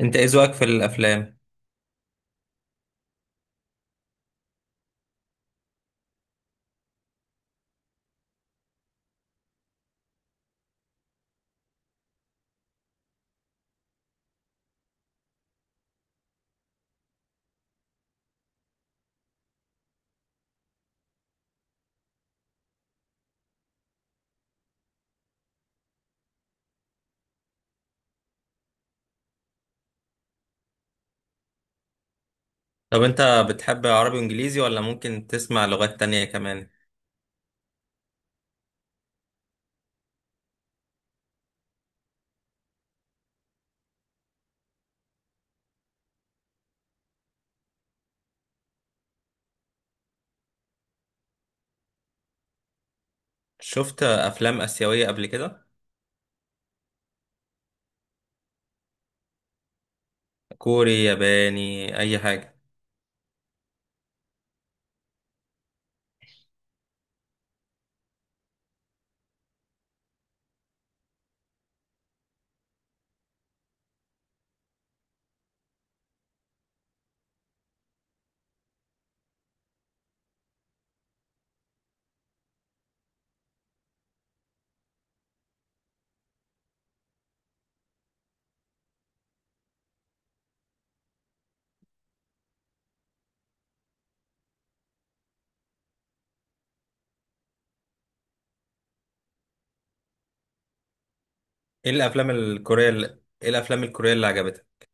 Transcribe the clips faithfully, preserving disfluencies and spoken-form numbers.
انت ايه ذوقك في الافلام؟ طب انت بتحب عربي وانجليزي، ولا ممكن تسمع لغات تانية كمان؟ شفت افلام اسيوية قبل كده؟ كوري، ياباني، اي حاجة. ايه الافلام الكورية اللي... ايه الافلام الكورية اللي عجبتك؟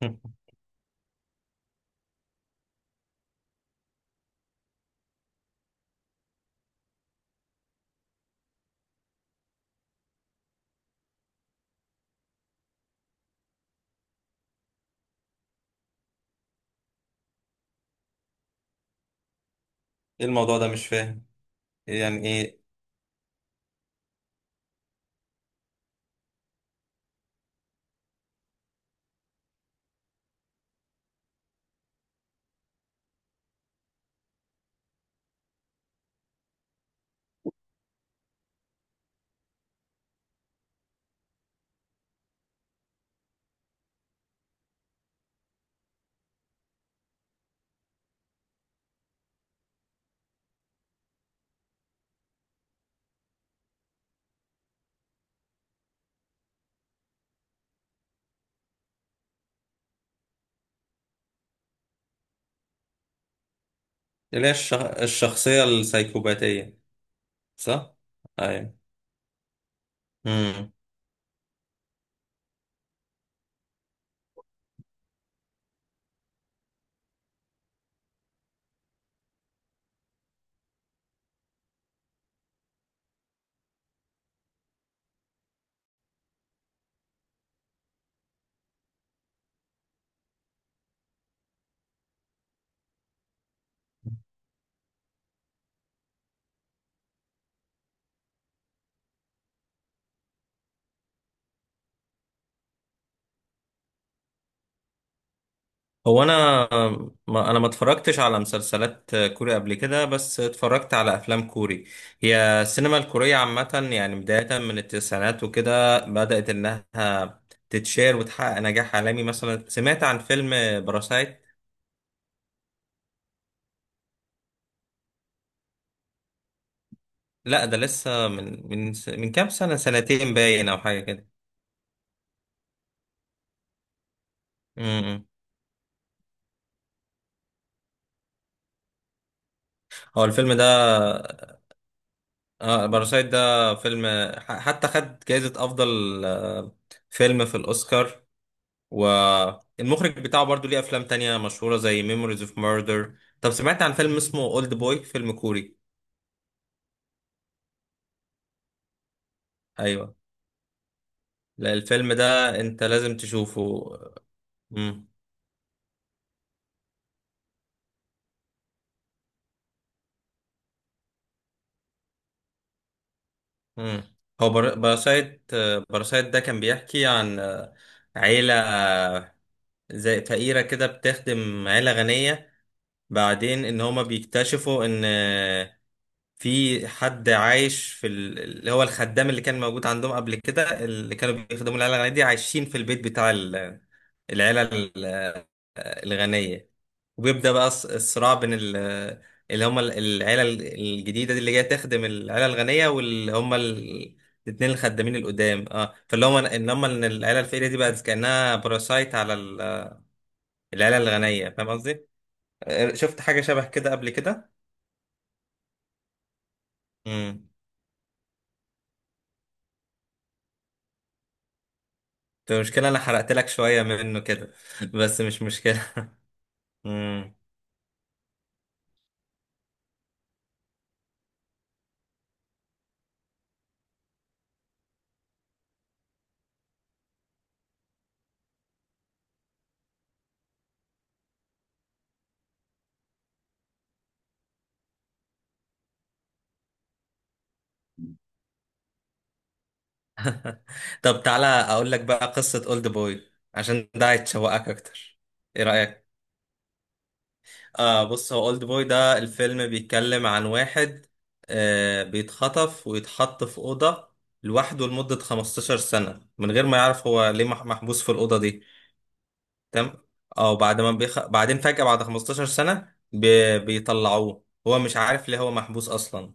ايه الموضوع ده مش فاهم، يعني ايه؟ اللي هي الشخ... الشخصية السايكوباتية. صح. ايوه. هو انا، ما انا ما اتفرجتش على مسلسلات كوري قبل كده، بس اتفرجت على افلام كوري. هي السينما الكورية عامة، يعني بداية من التسعينات وكده بدأت انها تتشير وتحقق نجاح عالمي. مثلا سمعت عن فيلم باراسايت. لا، ده لسه من من من كام سنة، سنتين باين، او حاجة كده. امم. هو الفيلم ده، اه، باراسايت ده فيلم ح- حتى خد جائزة افضل آه، فيلم في الاوسكار. والمخرج بتاعه برضو ليه افلام تانية مشهورة، زي ميموريز اوف ميردر. طب سمعت عن فيلم اسمه اولد بوي؟ فيلم كوري. ايوه. لا، الفيلم ده انت لازم تشوفه. مم. مم. هو بر... باراسايت باراسايت ده كان بيحكي عن آه، عيلة، آه، زي فقيرة كده، بتخدم عيلة غنية. بعدين ان هما بيكتشفوا ان في حد عايش في ال- اللي هو الخدام اللي كان موجود عندهم قبل كده، اللي كانوا بيخدموا العيله الغنيه دي، عايشين في البيت بتاع ال- العيله ال- الغنيه. وبيبدا بقى الص- الصراع بين ال- اللي هم ال- العيله ال- الجديده دي اللي جايه تخدم العيله الغنيه، واللي هم ال- الاتنين الخدامين القدام. اه، فاللي هم ان هم ان العيله الفقيره دي بقت كانها باراسايت على ال- العيله الغنيه. فاهم قصدي؟ آه، شفت حاجه شبه كده قبل كده؟ المشكلة أنا حرقت لك شوية منه كده. بس مش مشكلة. مم. طب تعالى أقول لك بقى قصة أولد بوي، عشان ده هيتشوقك أكتر. إيه رأيك؟ آه، بص، هو أولد بوي ده الفيلم بيتكلم عن واحد آه بيتخطف ويتحط في أوضة لوحده لمدة خمستاشر سنة، من غير ما يعرف هو ليه مح- محبوس في الأوضة دي. تمام؟ أو بعد ما بيخ... بعدين فجأة بعد خمستاشر سنة بي... بيطلعوه. هو مش عارف ليه هو محبوس أصلا.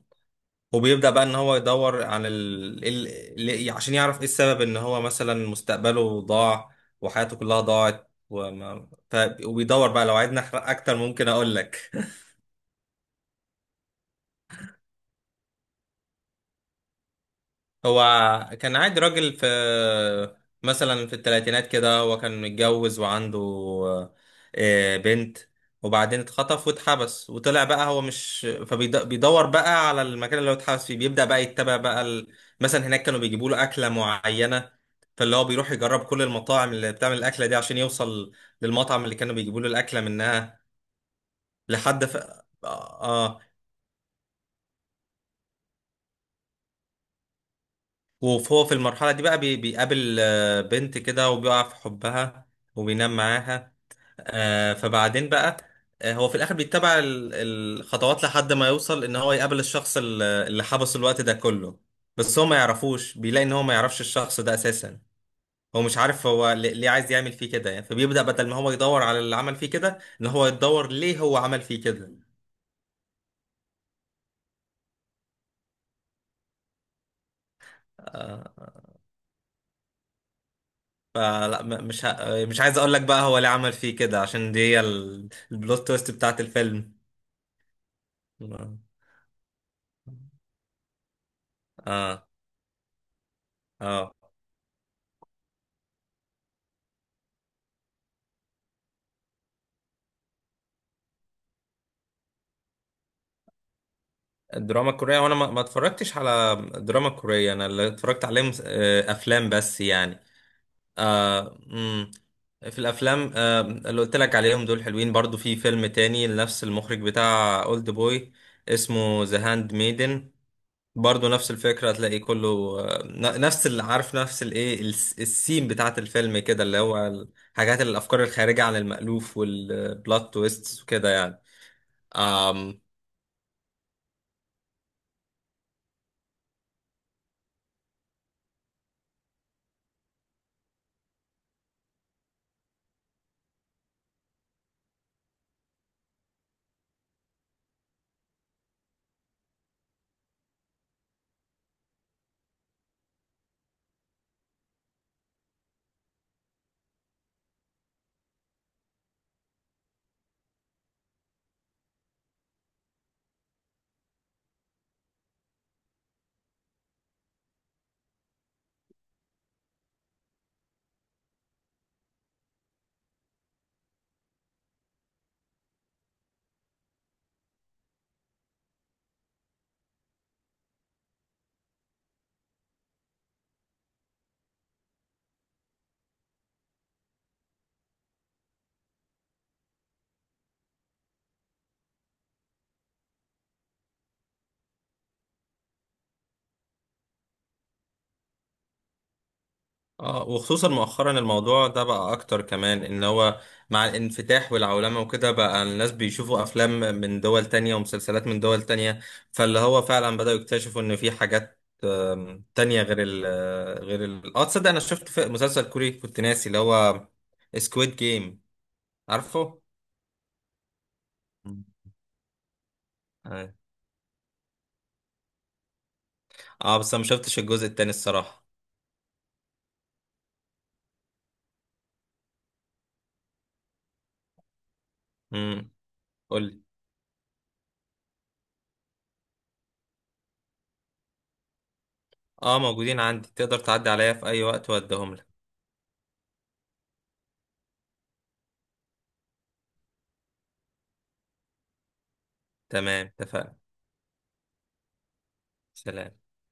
وبيبدأ بقى ان هو يدور عن ال... ال... ال- عشان يعرف ايه السبب، ان هو مثلا مستقبله ضاع وحياته كلها ضاعت وما... ف... وبيدور بقى. لو عايزني احرق اكتر ممكن اقول لك. هو كان عادي راجل في، مثلا في الثلاثينات كده، هو كان متجوز وعنده آه، بنت. وبعدين اتخطف واتحبس وطلع بقى. هو مش، فبيدور بقى على المكان اللي هو اتحبس فيه. بيبدأ بقى يتبع بقى ال... مثلا هناك كانوا بيجيبوا له أكلة معينة، فاللي هو بيروح يجرب كل المطاعم اللي بتعمل الأكلة دي عشان يوصل للمطعم اللي كانوا بيجيبوا له الأكلة منها لحد ف... آه. آه. وهو في المرحلة دي بقى بي- بيقابل آه، بنت كده وبيقع في حبها وبينام معاها. آه، فبعدين بقى، آه، هو في الآخر بيتبع ال- الخطوات لحد ما يوصل، إن هو يقابل الشخص ال- اللي حبسه الوقت ده كله. بس هو ما يعرفوش، بيلاقي إن هو ما يعرفش الشخص ده أساسا. هو مش عارف هو ل- ليه عايز يعمل فيه كده يعني. فبيبدأ، بدل ما هو يدور على اللي عمل فيه كده، إن هو يدور ليه هو عمل فيه كده. آه، فلا م- مش ه- مش عايز أقول لك بقى هو ليه عمل فيه كده، عشان دي هي ال- البلوت تويست بتاعت الفيلم. اه. اه. آه. الدراما الكورية، وانا ما ما اتفرجتش على الدراما الكورية. انا اللي اتفرجت عليه مس... آه، افلام بس يعني. آه. مم. في الافلام، آه، اللي قلت لك عليهم دول حلوين. برضو في فيلم تاني لنفس المخرج بتاع اولد بوي، اسمه ذا هاند ميدن. برضو نفس الفكرة هتلاقي كله، آه، ن- نفس اللي عارف، نفس الايه الس- السين بتاعت الفيلم كده، اللي هو الحاجات، الافكار الخارجة عن المألوف والبلوت تويستس وكده يعني. اه، وخصوصا مؤخرا الموضوع ده بقى اكتر كمان. ان هو مع الانفتاح والعولمة وكده، بقى الناس بيشوفوا افلام من دول تانية ومسلسلات من دول تانية. فاللي هو فعلا بدأوا يكتشفوا ان في حاجات آم، تانية غير ال غير ال اه تصدق انا شفت في مسلسل كوري، كنت ناسي اللي هو سكويد جيم. عارفه؟ مم. أيوة. اه بس انا ما شفتش الجزء التاني الصراحة. امم. قولي. اه موجودين عندي، تقدر تعدي عليا في اي وقت واديهم لك. تمام، اتفقنا. سلام.